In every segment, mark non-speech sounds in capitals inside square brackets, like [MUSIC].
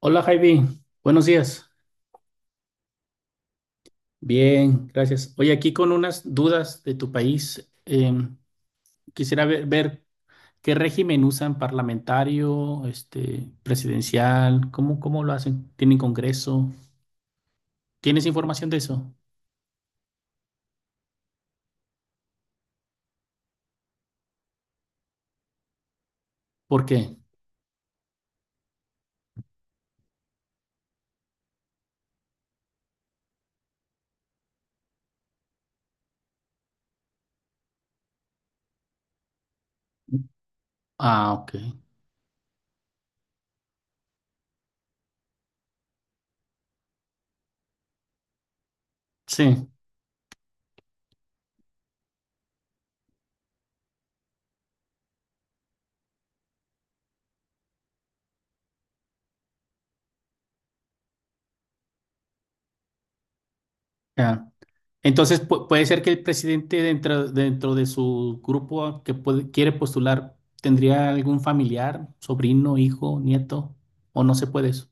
Hola Javi, buenos días. Bien, gracias. Oye, aquí con unas dudas de tu país. Quisiera ver qué régimen usan, parlamentario, este, presidencial, cómo lo hacen. ¿Tienen congreso? ¿Tienes información de eso? ¿Por qué? Ah, ok. Sí, ya. Entonces puede ser que el presidente dentro de su grupo que quiere postular, tendría algún familiar, sobrino, hijo, nieto, o no se puede eso.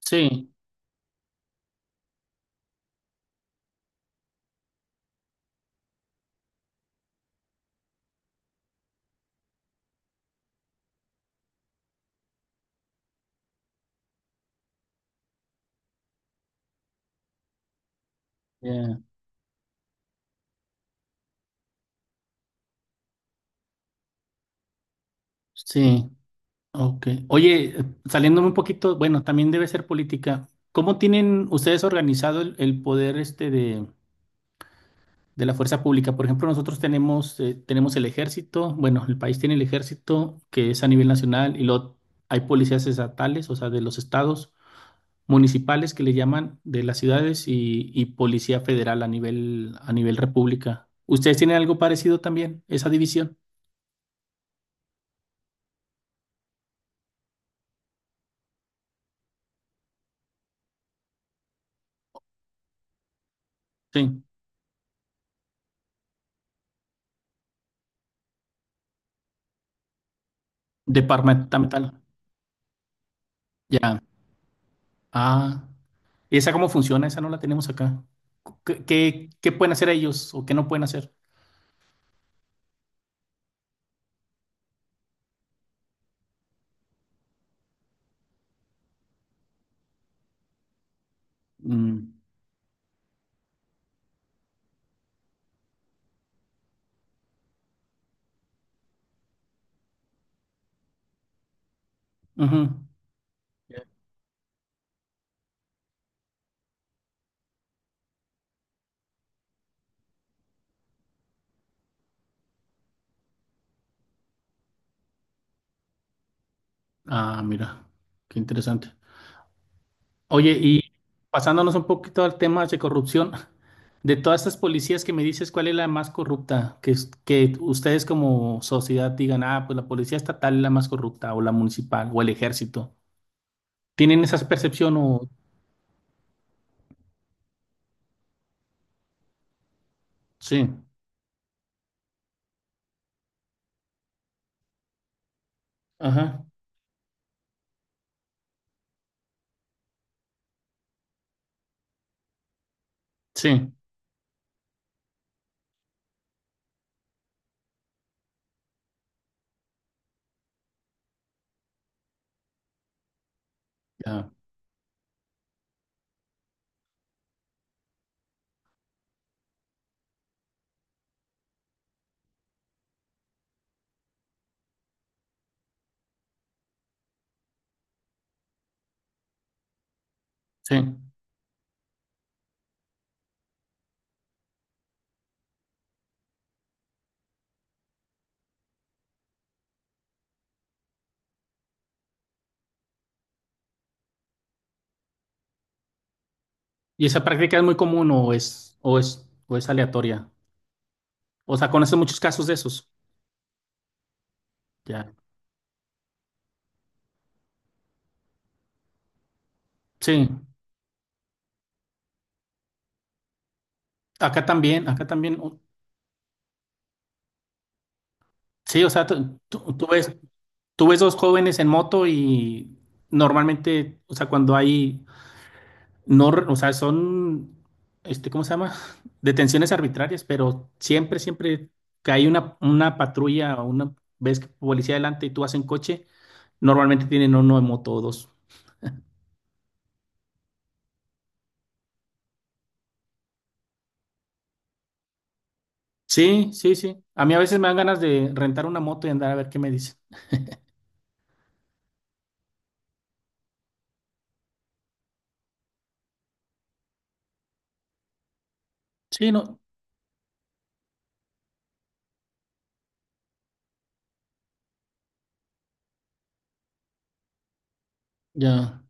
Sí. Sí, ok. Oye, saliéndome un poquito, bueno, también debe ser política. ¿Cómo tienen ustedes organizado el poder este de la fuerza pública? Por ejemplo, nosotros tenemos, tenemos el ejército, bueno, el país tiene el ejército que es a nivel nacional, y luego hay policías estatales, o sea, de los estados, municipales que le llaman, de las ciudades, y policía federal a a nivel república. ¿Ustedes tienen algo parecido también, esa división? Sí, departamental. Ya. Ah. ¿Y esa cómo funciona? Esa no la tenemos acá. ¿Qué, qué pueden hacer ellos o qué no pueden hacer? Mm, ujú. Ah, mira, qué interesante. Oye, y pasándonos un poquito al tema de corrupción, [LAUGHS] de todas estas policías que me dices, ¿cuál es la más corrupta? Que, que ustedes como sociedad digan, ah, pues la policía estatal es la más corrupta, o la municipal, o el ejército. ¿Tienen esa percepción o...? Sí, ajá, sí, ya, sí. ¿Y esa práctica es muy común o o es aleatoria? O sea, conoces muchos casos de esos. Ya. Sí. Acá también, acá también. Sí, o sea, tú ves dos jóvenes en moto y normalmente, o sea, no, o sea, son, este, ¿cómo se llama? [LAUGHS] Detenciones arbitrarias, pero siempre, siempre que hay una patrulla o una, ves que policía adelante y tú vas en coche, normalmente tienen uno en moto o dos. Sí, sí, sí. A mí a veces me dan ganas de rentar una moto y andar a ver qué me dicen. Sí, no, ya,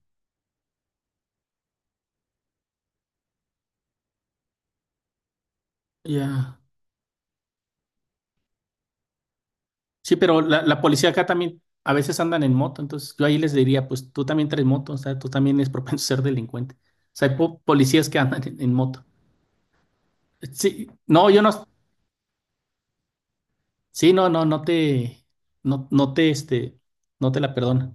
ya. Sí, pero la policía acá también a veces andan en moto, entonces yo ahí les diría, pues tú también traes moto, o sea, tú también eres [LAUGHS] propenso a ser delincuente. O sea, hay policías que andan en moto. Sí, no, yo no, sí, no, no, no, no te, este, no te la perdonan.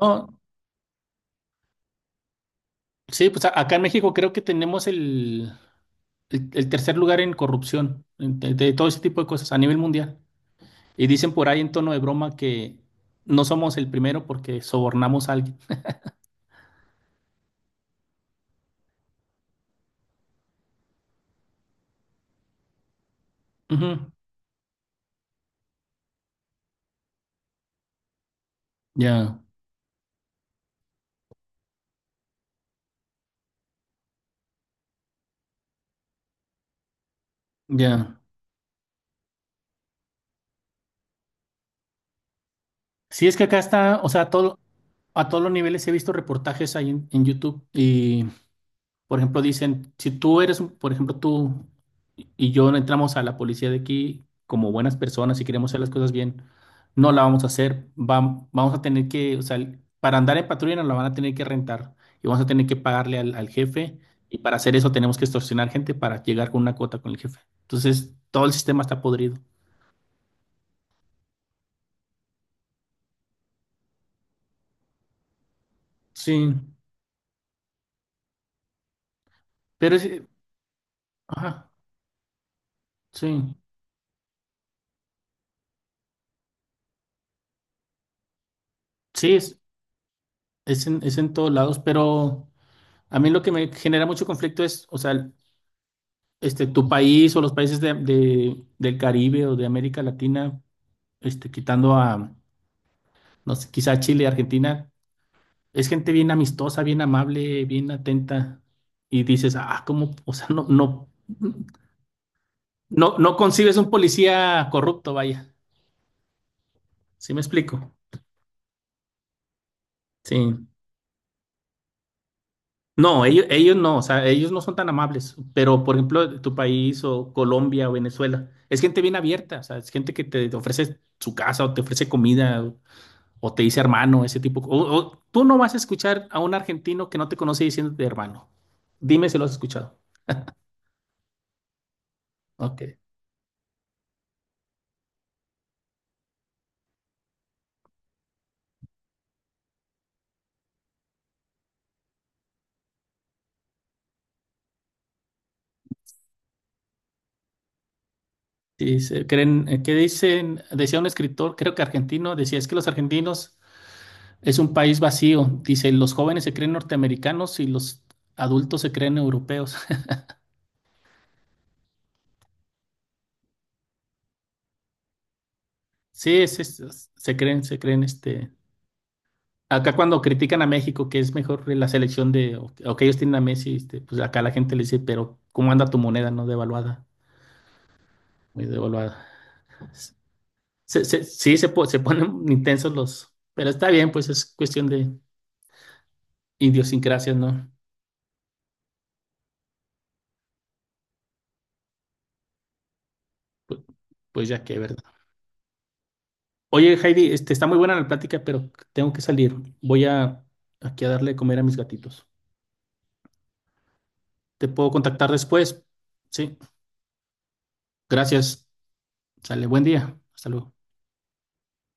No, sí, pues acá en México creo que tenemos el tercer lugar en corrupción, de todo ese tipo de cosas a nivel mundial. Y dicen por ahí en tono de broma que no somos el primero porque sobornamos a alguien. Ujú, ya, ya. Sí, es que acá está, o sea, a todos los niveles he visto reportajes ahí en YouTube. Y por ejemplo, dicen, si tú eres, por ejemplo, tú y yo no entramos a la policía de aquí como buenas personas y queremos hacer las cosas bien, no la vamos a hacer. Vamos a tener que, o sea, para andar en patrulla nos la van a tener que rentar, y vamos a tener que pagarle al jefe, y para hacer eso tenemos que extorsionar gente para llegar con una cuota con el jefe. Entonces, todo el sistema está podrido. Sí, pero es, ajá, sí, sí, es, es en todos lados, pero a mí lo que me genera mucho conflicto es, o sea, este, tu país o los países de del Caribe o de América Latina, este, quitando a, no sé, quizá Chile, Argentina, es gente bien amistosa, bien amable, bien atenta. Y dices, ah, ¿cómo? O sea, no, no, no, no concibes un policía corrupto, vaya. ¿Sí me explico? Sí. No, ellos no, o sea, ellos no son tan amables, pero por ejemplo, tu país o Colombia o Venezuela, es gente bien abierta, o sea, es gente que te ofrece su casa o te ofrece comida, o te dice hermano, ese tipo. O tú no vas a escuchar a un argentino que no te conoce diciéndote hermano. Dime si lo has escuchado. Ok. Sí, dice, creen, ¿qué dicen? Decía un escritor, creo que argentino, decía, es que los argentinos, es un país vacío. Dice, los jóvenes se creen norteamericanos y los adultos se creen europeos. [LAUGHS] Sí, es, se creen, se creen, este. Acá cuando critican a México, que es mejor la selección de, o que ellos tienen a Messi, este, pues acá la gente le dice, pero ¿cómo anda tu moneda, no devaluada? Muy devaluada. Sí, se, se ponen [LAUGHS] intensos los, pero está bien, pues es cuestión de idiosincrasias, ¿no? Pues, pues ya que, ¿verdad? Oye, Heidi, este, está muy buena la plática, pero tengo que salir. Voy a aquí a darle de comer a mis gatitos. Te puedo contactar después. Sí, gracias. Sale, buen día. Hasta luego.